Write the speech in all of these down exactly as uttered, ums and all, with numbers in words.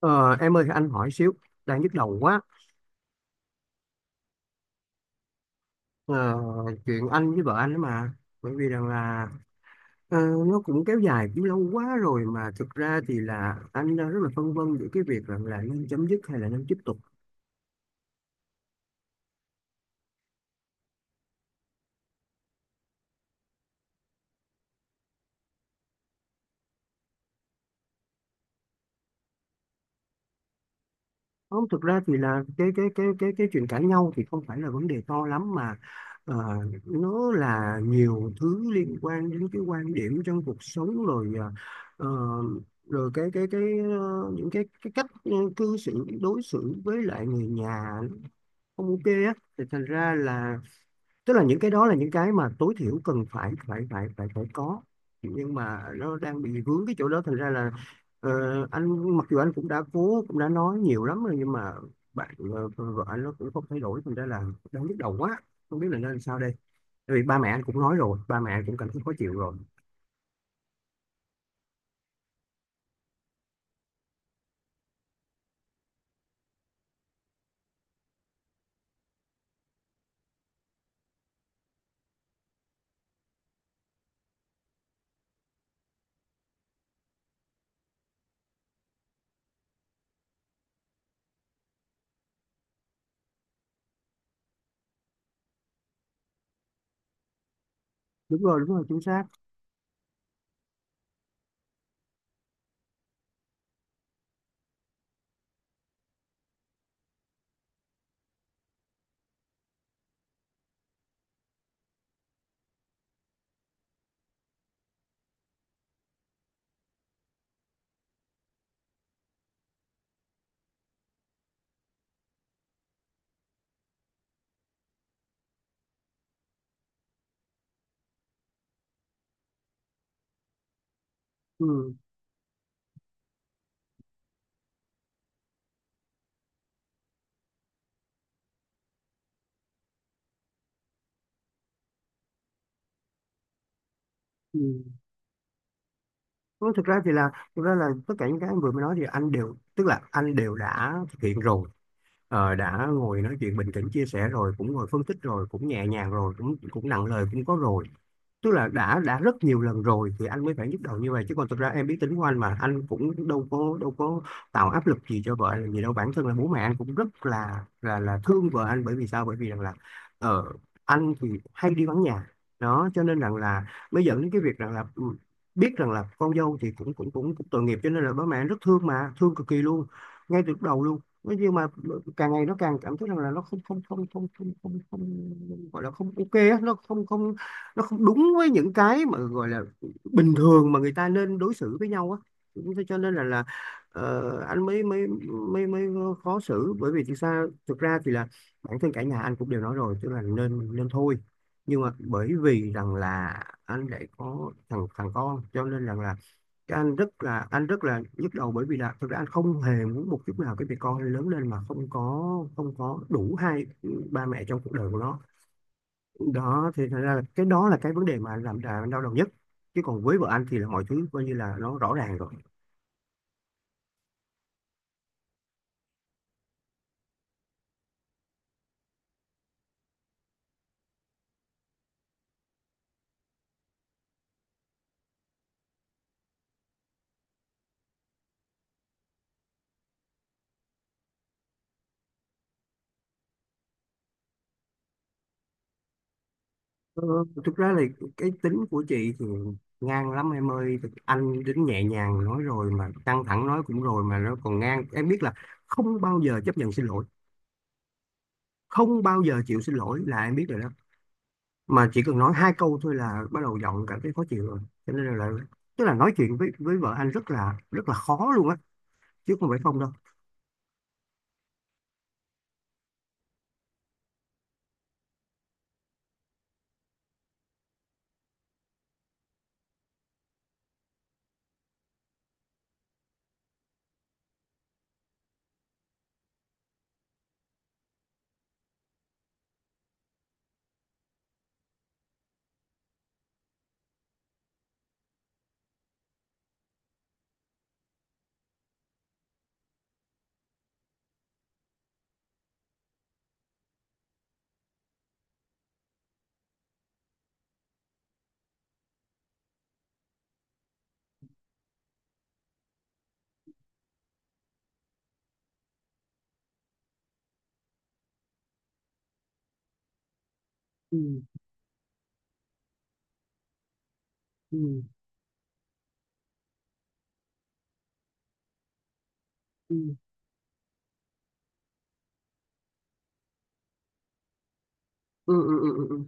Ờ, em ơi, anh hỏi xíu. Đang nhức đầu quá. Ờ, Chuyện anh với vợ anh đó mà, bởi vì rằng là ờ, nó cũng kéo dài cũng lâu quá rồi, mà thực ra thì là anh đang rất là phân vân giữa cái việc rằng là nên chấm dứt hay là nên tiếp tục. Không, thực ra thì là cái cái cái cái cái chuyện cãi nhau thì không phải là vấn đề to lắm mà, ờ, nó là nhiều thứ liên quan đến cái quan điểm trong cuộc sống rồi. ờ, ờ, Rồi cái cái cái ờ, những cái cái cách ờ, cư xử đối xử với lại người nhà không ok á thì thành ra là tức là những cái đó là những cái mà tối thiểu cần phải phải phải phải phải có, nhưng mà nó đang bị vướng cái chỗ đó thành ra là ờ, anh mặc dù anh cũng đã cố, cũng đã nói nhiều lắm rồi, nhưng mà bạn ờ, vợ anh nó cũng không thay đổi thành ra là đang nhức đầu quá, không biết là nên sao đây. Tại vì ba mẹ anh cũng nói rồi, ba mẹ anh cũng cảm thấy khó chịu rồi. Đúng rồi, đúng rồi, chính xác. Ừ. Ừ. Thôi, thực ra thì là thực ra là tất cả những cái anh vừa mới nói thì anh đều tức là anh đều đã thực hiện rồi. Ờ, đã ngồi nói chuyện bình tĩnh chia sẻ rồi, cũng ngồi phân tích rồi, cũng nhẹ nhàng rồi, cũng cũng nặng lời cũng có rồi. Tức là đã đã rất nhiều lần rồi thì anh mới phải nhức đầu như vậy, chứ còn thực ra em biết tính của anh mà, anh cũng đâu có đâu có tạo áp lực gì cho vợ anh làm gì đâu. Bản thân là bố mẹ anh cũng rất là là là thương vợ anh, bởi vì sao? Bởi vì rằng là ờ, anh thì hay đi vắng nhà. Đó cho nên rằng là mới dẫn đến cái việc rằng là ừ, biết rằng là con dâu thì cũng cũng cũng, cũng tội nghiệp, cho nên là bố mẹ anh rất thương, mà thương cực kỳ luôn ngay từ lúc đầu luôn. Nói nhưng mà ừ, càng ngày nó càng cảm thấy rằng là nó không không không không không không, không gọi là không ok á, nó không không nó không đúng với những cái mà gọi là bình thường mà người ta nên đối xử với nhau á. Thế cho nên là là ờ, anh mới mới mới mới khó xử, bởi vì thực ra thực ra thì là bản thân cả nhà anh cũng đều nói rồi, tức là nên nên thôi. Nhưng mà bởi vì rằng là anh lại có thằng thằng con, cho nên rằng là cái anh rất là anh rất là nhức đầu, bởi vì là thực ra anh không hề muốn một chút nào cái việc con lớn lên mà không có không có đủ hai ba mẹ trong cuộc đời của nó. Đó thì thành ra là cái đó là cái vấn đề mà làm đà đau đầu nhất, chứ còn với vợ anh thì là mọi thứ coi như là nó rõ ràng rồi. ờ, Thực ra là cái tính của chị thì ngang lắm em ơi. Thực- anh đến nhẹ nhàng nói rồi, mà căng thẳng nói cũng rồi, mà nó còn ngang. Em biết là không bao giờ chấp nhận xin lỗi, không bao giờ chịu xin lỗi, là em biết rồi đó. Mà chỉ cần nói hai câu thôi là bắt đầu giọng cảm thấy khó chịu rồi, cho nên là tức là nói chuyện với với vợ anh rất là rất là khó luôn á, chứ không phải không đâu. Ừ, ừ, ừ, ừ, ừ, ừ. Ừ.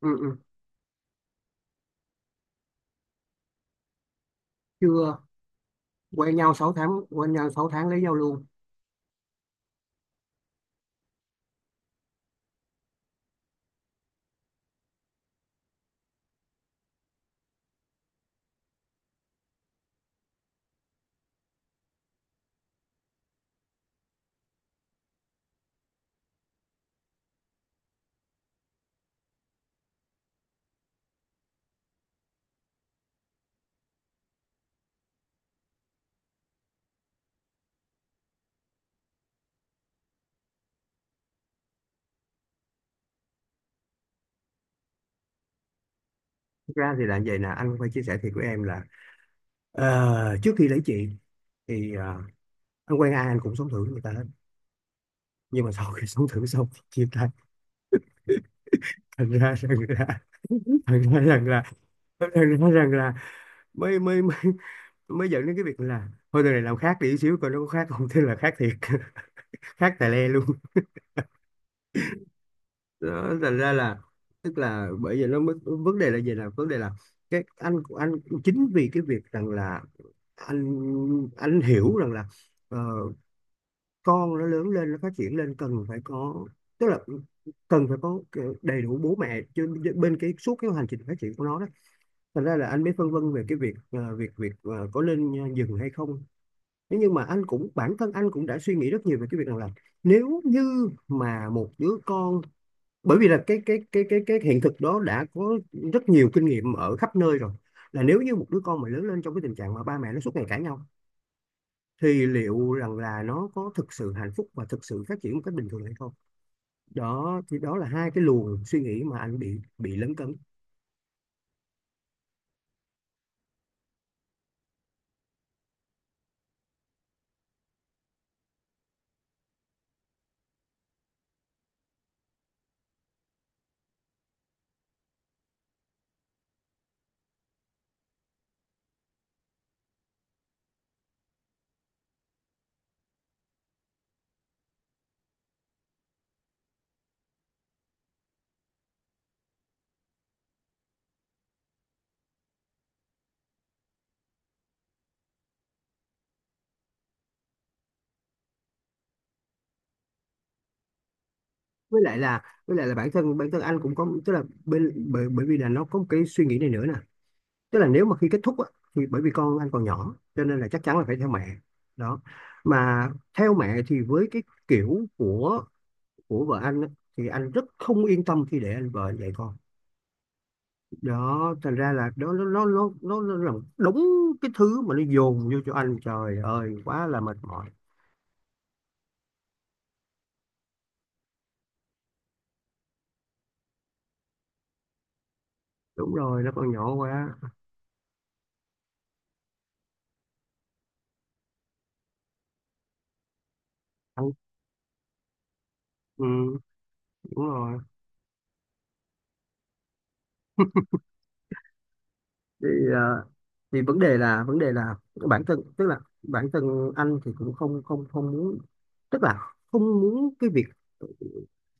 Ừ, ừ. Chưa. Quen nhau sáu tháng, quen nhau sáu tháng lấy nhau luôn. Thực ra thì là vậy nè, anh phải chia sẻ thiệt của em là ờ, trước khi lấy chị thì ờ, anh quen ai anh cũng sống thử người ta hết, nhưng mà sau khi sống thử xong thì chia tay. thành ra rằng là thành ra rằng là thành ra rằng là mới mới mới mới dẫn đến cái việc là thôi đời này làm khác đi xíu, coi nó có khác không. Thế là khác thiệt khác tài le luôn. Đó, thành ra là tức là bởi vì nó mới- vấn đề là gì, là vấn đề là cái anh anh chính vì cái việc rằng là anh anh hiểu rằng là ờ, con nó lớn lên nó phát triển lên cần phải có, tức là cần phải có cái đầy đủ bố mẹ chứ, bên cái suốt cái hành trình phát triển của nó. Đó thành ra là anh mới phân vân về cái việc ờ, việc việc ờ, có nên dừng hay không. Thế nhưng mà anh cũng bản thân anh cũng đã suy nghĩ rất nhiều về cái việc rằng là nếu như mà một đứa con, bởi vì là cái cái cái cái cái hiện thực đó đã có rất nhiều kinh nghiệm ở khắp nơi rồi, là nếu như một đứa con mà lớn lên trong cái tình trạng mà ba mẹ nó suốt ngày cãi nhau thì liệu rằng là nó có thực sự hạnh phúc và thực sự phát triển một cách bình thường hay không. Đó thì đó là hai cái luồng suy nghĩ mà anh bị bị lấn cấn. Với lại là với lại là bản thân bản thân anh cũng có, tức là bên bởi, bởi vì là nó có một cái suy nghĩ này nữa nè. Tức là nếu mà khi kết thúc á, thì bởi vì con anh còn nhỏ cho nên là chắc chắn là phải theo mẹ. Đó, mà theo mẹ thì với cái kiểu của của vợ anh á, thì anh rất không yên tâm khi để anh vợ dạy con. Đó thành ra là đó nó nó nó nó nó là đúng cái thứ mà nó dồn vô cho anh, trời ơi quá là mệt mỏi. Đúng rồi, nó còn nhỏ quá anh. Ừ, đúng rồi. Thì ờ, thì vấn đề là vấn đề là bản thân tức là bản thân anh thì cũng không không không muốn, tức là không muốn cái việc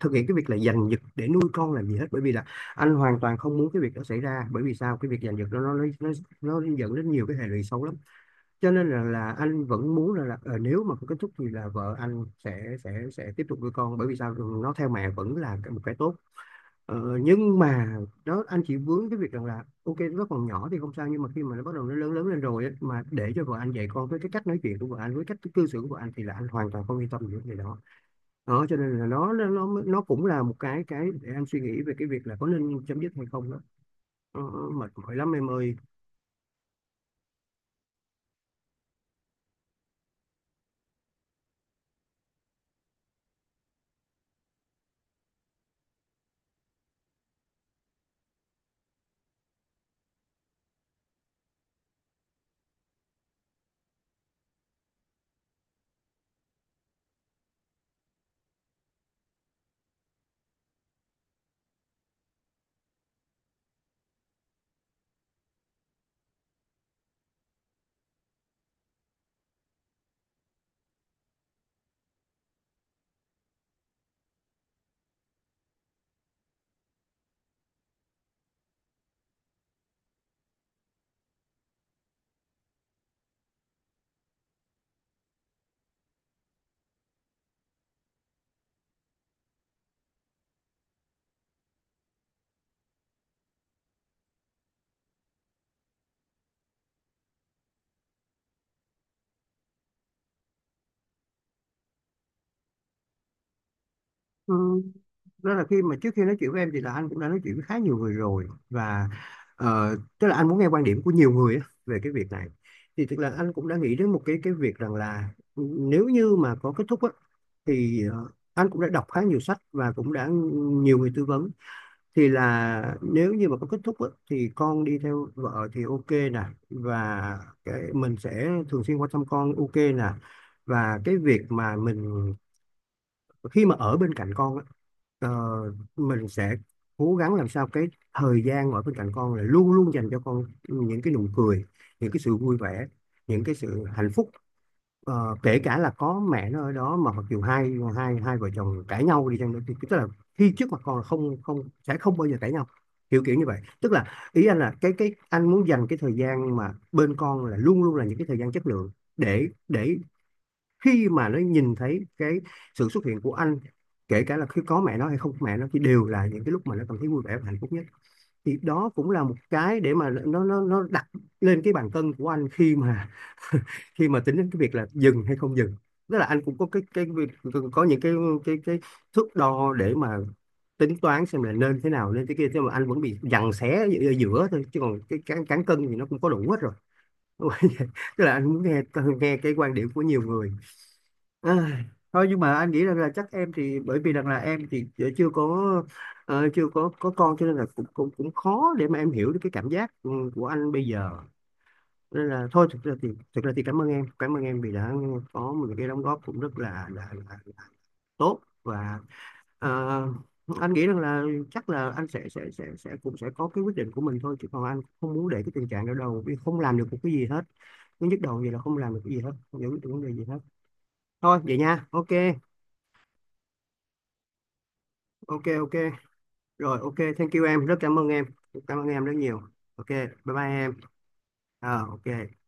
thực hiện cái việc là giành giật để nuôi con làm gì hết, bởi vì là anh hoàn toàn không muốn cái việc đó xảy ra. Bởi vì sao? Cái việc giành giật đó nó nó nó, nó dẫn đến nhiều cái hệ lụy xấu lắm. Cho nên là, là anh vẫn muốn là, là ờ, nếu mà có kết thúc thì là vợ anh sẽ sẽ sẽ tiếp tục nuôi con. Bởi vì sao? Nó theo mẹ vẫn là một cái tốt. Ờ, nhưng mà đó, anh chỉ vướng cái việc rằng là ok nó còn nhỏ thì không sao, nhưng mà khi mà nó bắt đầu nó lớn lớn lên rồi á, mà để cho vợ anh dạy con với cái cách nói chuyện của vợ anh, với cách cư xử của vợ anh, thì là anh hoàn toàn không yên tâm về cái đó. Đó cho nên là nó nó nó nó cũng là một cái cái để anh suy nghĩ về cái việc là có nên chấm dứt hay không. Đó ờ, mệt mỏi lắm em ơi. Ừ. Đó là khi mà, trước khi nói chuyện với em thì là anh cũng đã nói chuyện với khá nhiều người rồi, và ờ, tức là anh muốn nghe quan điểm của nhiều người á, về cái việc này. Thì tức là anh cũng đã nghĩ đến một cái cái việc rằng là nếu như mà có kết thúc á, thì ờ, anh cũng đã đọc khá nhiều sách và cũng đã nhiều người tư vấn. Thì là nếu như mà có kết thúc á, thì con đi theo vợ thì ok nè, và cái mình sẽ thường xuyên quan tâm con ok nè. Và cái việc mà mình khi mà ở bên cạnh con á, Ờ, mình sẽ cố gắng làm sao cái thời gian ở bên cạnh con là luôn luôn dành cho con những cái nụ cười, những cái sự vui vẻ, những cái sự hạnh phúc. Ờ, kể cả là có mẹ nó ở đó, mà mặc dù hai hai hai vợ chồng cãi nhau đi chăng nữa, thì tức là khi trước mặt con là không không sẽ không bao giờ cãi nhau. Kiểu kiểu như vậy, tức là ý anh là cái cái anh muốn dành cái thời gian mà bên con là luôn luôn là những cái thời gian chất lượng, để để khi mà nó nhìn thấy cái sự xuất hiện của anh, kể cả là khi có mẹ nó hay không có mẹ nó, thì đều là những cái lúc mà nó cảm thấy vui vẻ và hạnh phúc nhất. Thì đó cũng là một cái để mà nó nó nó đặt lên cái bàn cân của anh, khi mà khi mà tính đến cái việc là dừng hay không dừng. Tức là anh cũng có cái cái việc, có những cái cái cái thước đo để mà tính toán xem là nên thế nào nên thế kia. Thế mà anh vẫn bị giằng xé ở giữa thôi, chứ còn cái cán cán cân thì nó cũng có đủ hết rồi. Tức là anh muốn nghe nghe cái quan điểm của nhiều người. À, thôi nhưng mà anh nghĩ rằng là chắc em thì, bởi vì rằng là em thì chưa có ờ, chưa có có con, cho nên là cũng cũng cũng khó để mà em hiểu được cái cảm giác ừ, của anh bây giờ. Nên là thôi, thực ra thì thực ra thì cảm ơn em, cảm ơn em vì đã có một cái đóng góp cũng rất là là, là, là tốt, và ờ, anh nghĩ rằng là chắc là anh sẽ sẽ sẽ sẽ cũng sẽ có cái quyết định của mình thôi, chứ còn anh không muốn để cái tình trạng đó đâu vì không làm được một cái gì hết. Cứ nhức đầu vậy là không làm được cái gì hết, không giải quyết được vấn đề gì hết. Thôi vậy nha. Ok, ok, ok. Rồi ok, thank you em. Rất cảm ơn em, cảm ơn em rất nhiều. Ok, bye bye em. À, ok.